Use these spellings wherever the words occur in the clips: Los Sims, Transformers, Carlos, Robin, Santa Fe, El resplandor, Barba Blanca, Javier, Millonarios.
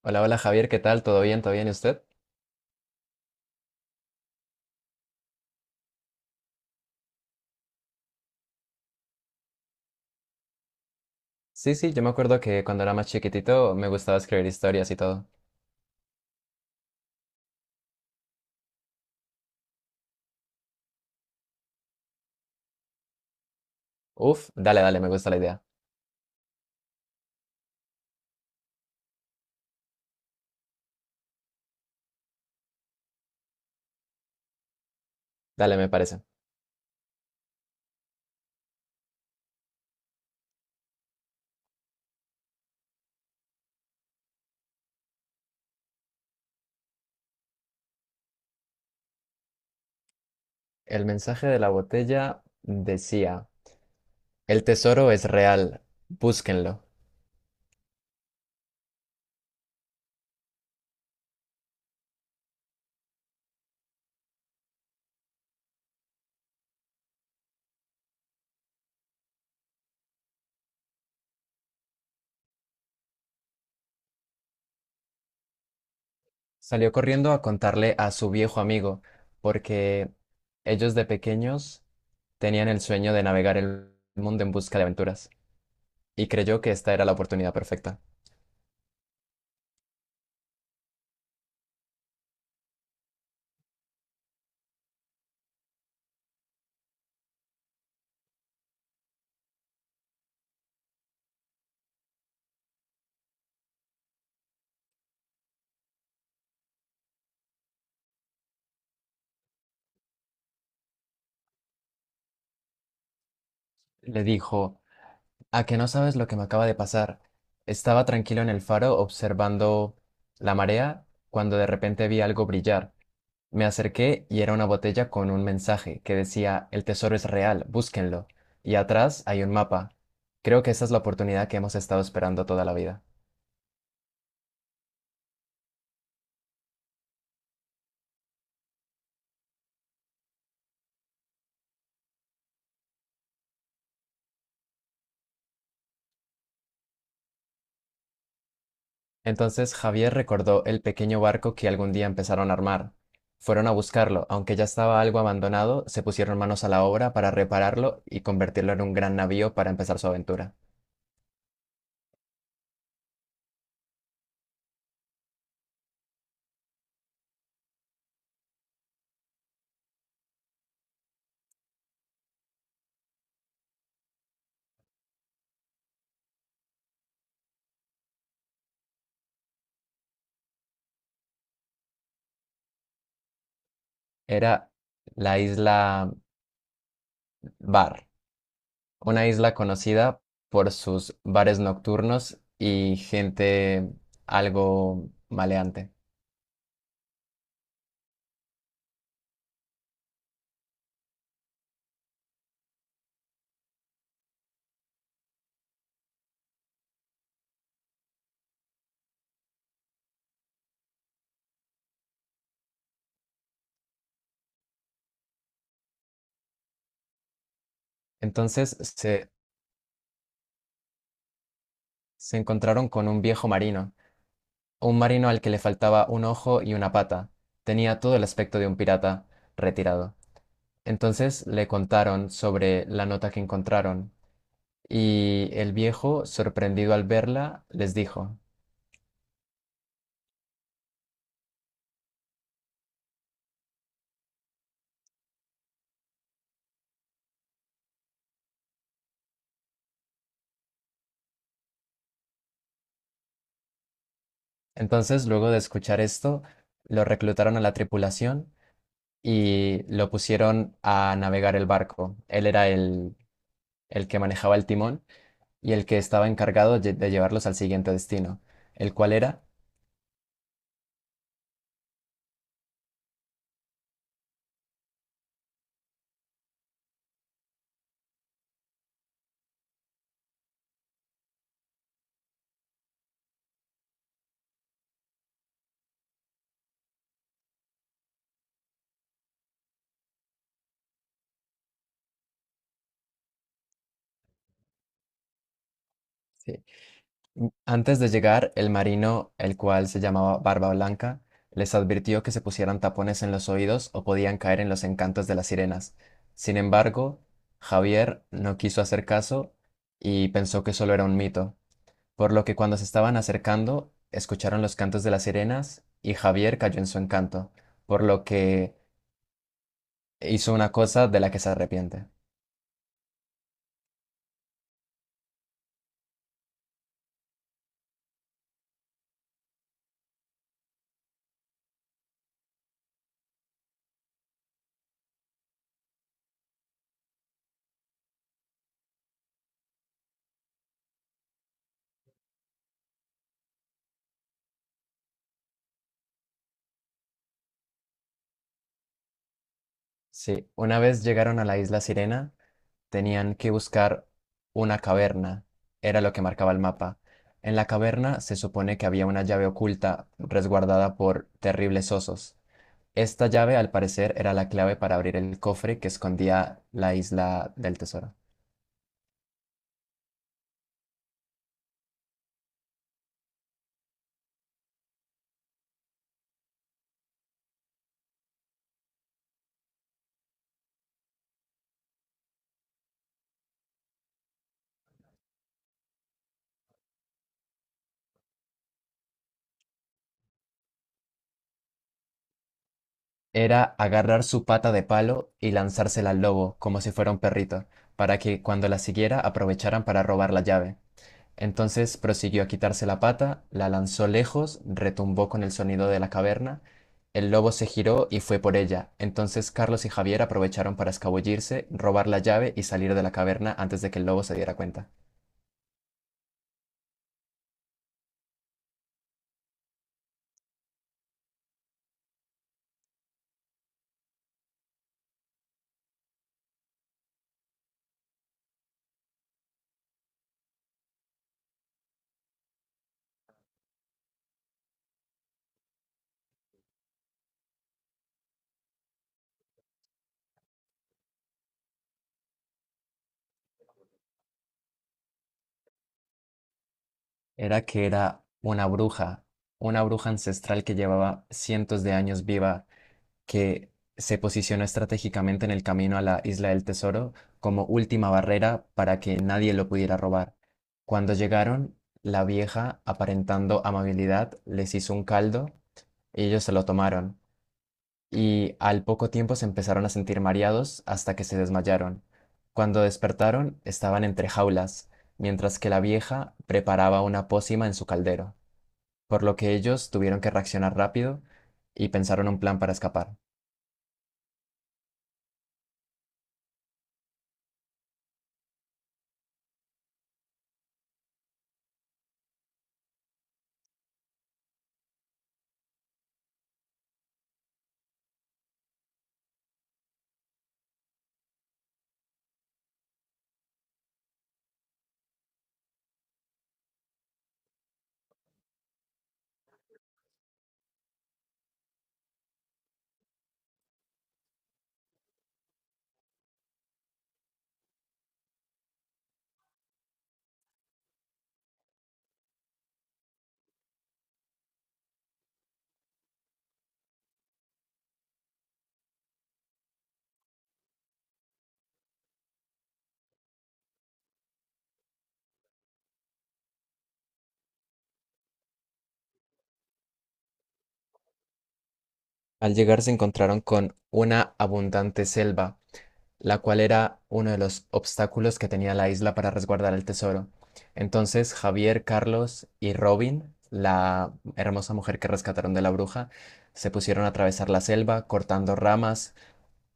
Hola, hola Javier, ¿qué tal? ¿Todo bien? ¿Todo bien? ¿Y usted? Sí, sí, yo me acuerdo que cuando era más chiquitito me gustaba escribir historias y todo. Uf, dale, dale, me gusta la idea. Dale, me parece. El mensaje de la botella decía, el tesoro es real, búsquenlo. Salió corriendo a contarle a su viejo amigo, porque ellos de pequeños tenían el sueño de navegar el mundo en busca de aventuras. Y creyó que esta era la oportunidad perfecta. Le dijo, ¿a que no sabes lo que me acaba de pasar? Estaba tranquilo en el faro observando la marea cuando de repente vi algo brillar. Me acerqué y era una botella con un mensaje que decía, el tesoro es real, búsquenlo. Y atrás hay un mapa. Creo que esa es la oportunidad que hemos estado esperando toda la vida. Entonces Javier recordó el pequeño barco que algún día empezaron a armar. Fueron a buscarlo, aunque ya estaba algo abandonado, se pusieron manos a la obra para repararlo y convertirlo en un gran navío para empezar su aventura. Era la isla Bar. Una isla conocida por sus bares nocturnos y gente algo maleante. Entonces se encontraron con un viejo marino, un marino al que le faltaba un ojo y una pata. Tenía todo el aspecto de un pirata retirado. Entonces le contaron sobre la nota que encontraron y el viejo, sorprendido al verla, les dijo. Entonces, luego de escuchar esto, lo reclutaron a la tripulación y lo pusieron a navegar el barco. Él era el que manejaba el timón y el que estaba encargado de llevarlos al siguiente destino, el cual era, sí, antes de llegar, el marino, el cual se llamaba Barba Blanca, les advirtió que se pusieran tapones en los oídos o podían caer en los encantos de las sirenas. Sin embargo, Javier no quiso hacer caso y pensó que solo era un mito. Por lo que cuando se estaban acercando, escucharon los cantos de las sirenas y Javier cayó en su encanto, por lo que hizo una cosa de la que se arrepiente. Sí, una vez llegaron a la isla Sirena, tenían que buscar una caverna, era lo que marcaba el mapa. En la caverna se supone que había una llave oculta resguardada por terribles osos. Esta llave, al parecer, era la clave para abrir el cofre que escondía la isla del tesoro. Era agarrar su pata de palo y lanzársela al lobo, como si fuera un perrito, para que cuando la siguiera aprovecharan para robar la llave. Entonces prosiguió a quitarse la pata, la lanzó lejos, retumbó con el sonido de la caverna, el lobo se giró y fue por ella. Entonces Carlos y Javier aprovecharon para escabullirse, robar la llave y salir de la caverna antes de que el lobo se diera cuenta. Era que era una bruja ancestral que llevaba cientos de años viva, que se posicionó estratégicamente en el camino a la Isla del Tesoro como última barrera para que nadie lo pudiera robar. Cuando llegaron, la vieja, aparentando amabilidad, les hizo un caldo y ellos se lo tomaron. Y al poco tiempo se empezaron a sentir mareados hasta que se desmayaron. Cuando despertaron, estaban entre jaulas, mientras que la vieja preparaba una pócima en su caldero, por lo que ellos tuvieron que reaccionar rápido y pensaron un plan para escapar. Al llegar se encontraron con una abundante selva, la cual era uno de los obstáculos que tenía la isla para resguardar el tesoro. Entonces Javier, Carlos y Robin, la hermosa mujer que rescataron de la bruja, se pusieron a atravesar la selva, cortando ramas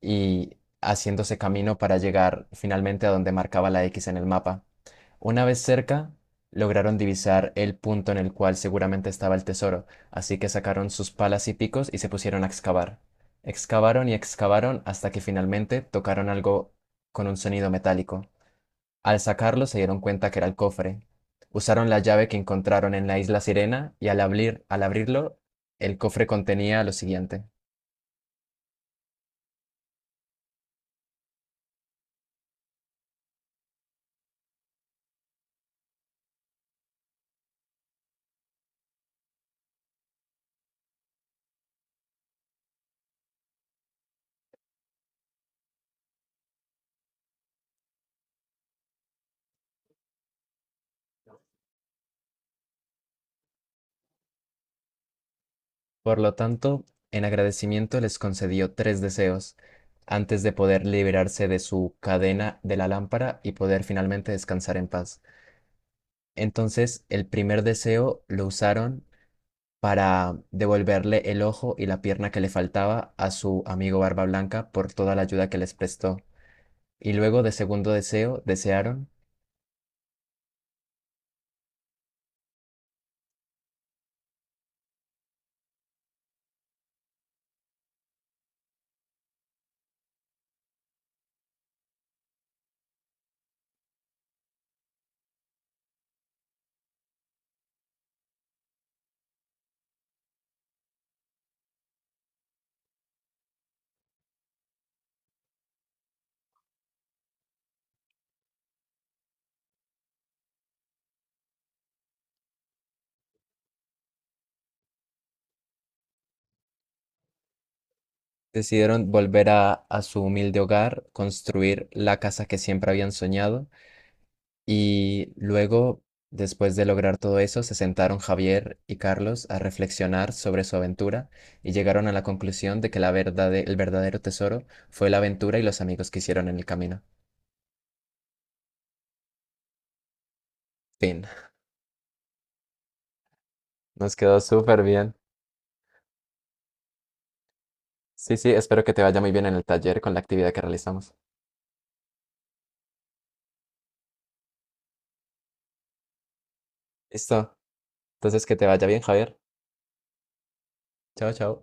y haciéndose camino para llegar finalmente a donde marcaba la X en el mapa. Una vez cerca, lograron divisar el punto en el cual seguramente estaba el tesoro, así que sacaron sus palas y picos y se pusieron a excavar. Excavaron y excavaron hasta que finalmente tocaron algo con un sonido metálico. Al sacarlo se dieron cuenta que era el cofre. Usaron la llave que encontraron en la isla Sirena y al abrirlo, el cofre contenía lo siguiente. Por lo tanto, en agradecimiento les concedió tres deseos antes de poder liberarse de su cadena de la lámpara y poder finalmente descansar en paz. Entonces, el primer deseo lo usaron para devolverle el ojo y la pierna que le faltaba a su amigo Barba Blanca por toda la ayuda que les prestó. Y luego de segundo deseo, desearon, decidieron volver a su humilde hogar, construir la casa que siempre habían soñado. Y luego, después de lograr todo eso, se sentaron Javier y Carlos a reflexionar sobre su aventura y llegaron a la conclusión de que el verdadero tesoro fue la aventura y los amigos que hicieron en el camino. Fin. Nos quedó súper bien. Sí, sí, espero que te vaya muy bien en el taller con la actividad que realizamos. Listo. Entonces, que te vaya bien, Javier. Chao, chao.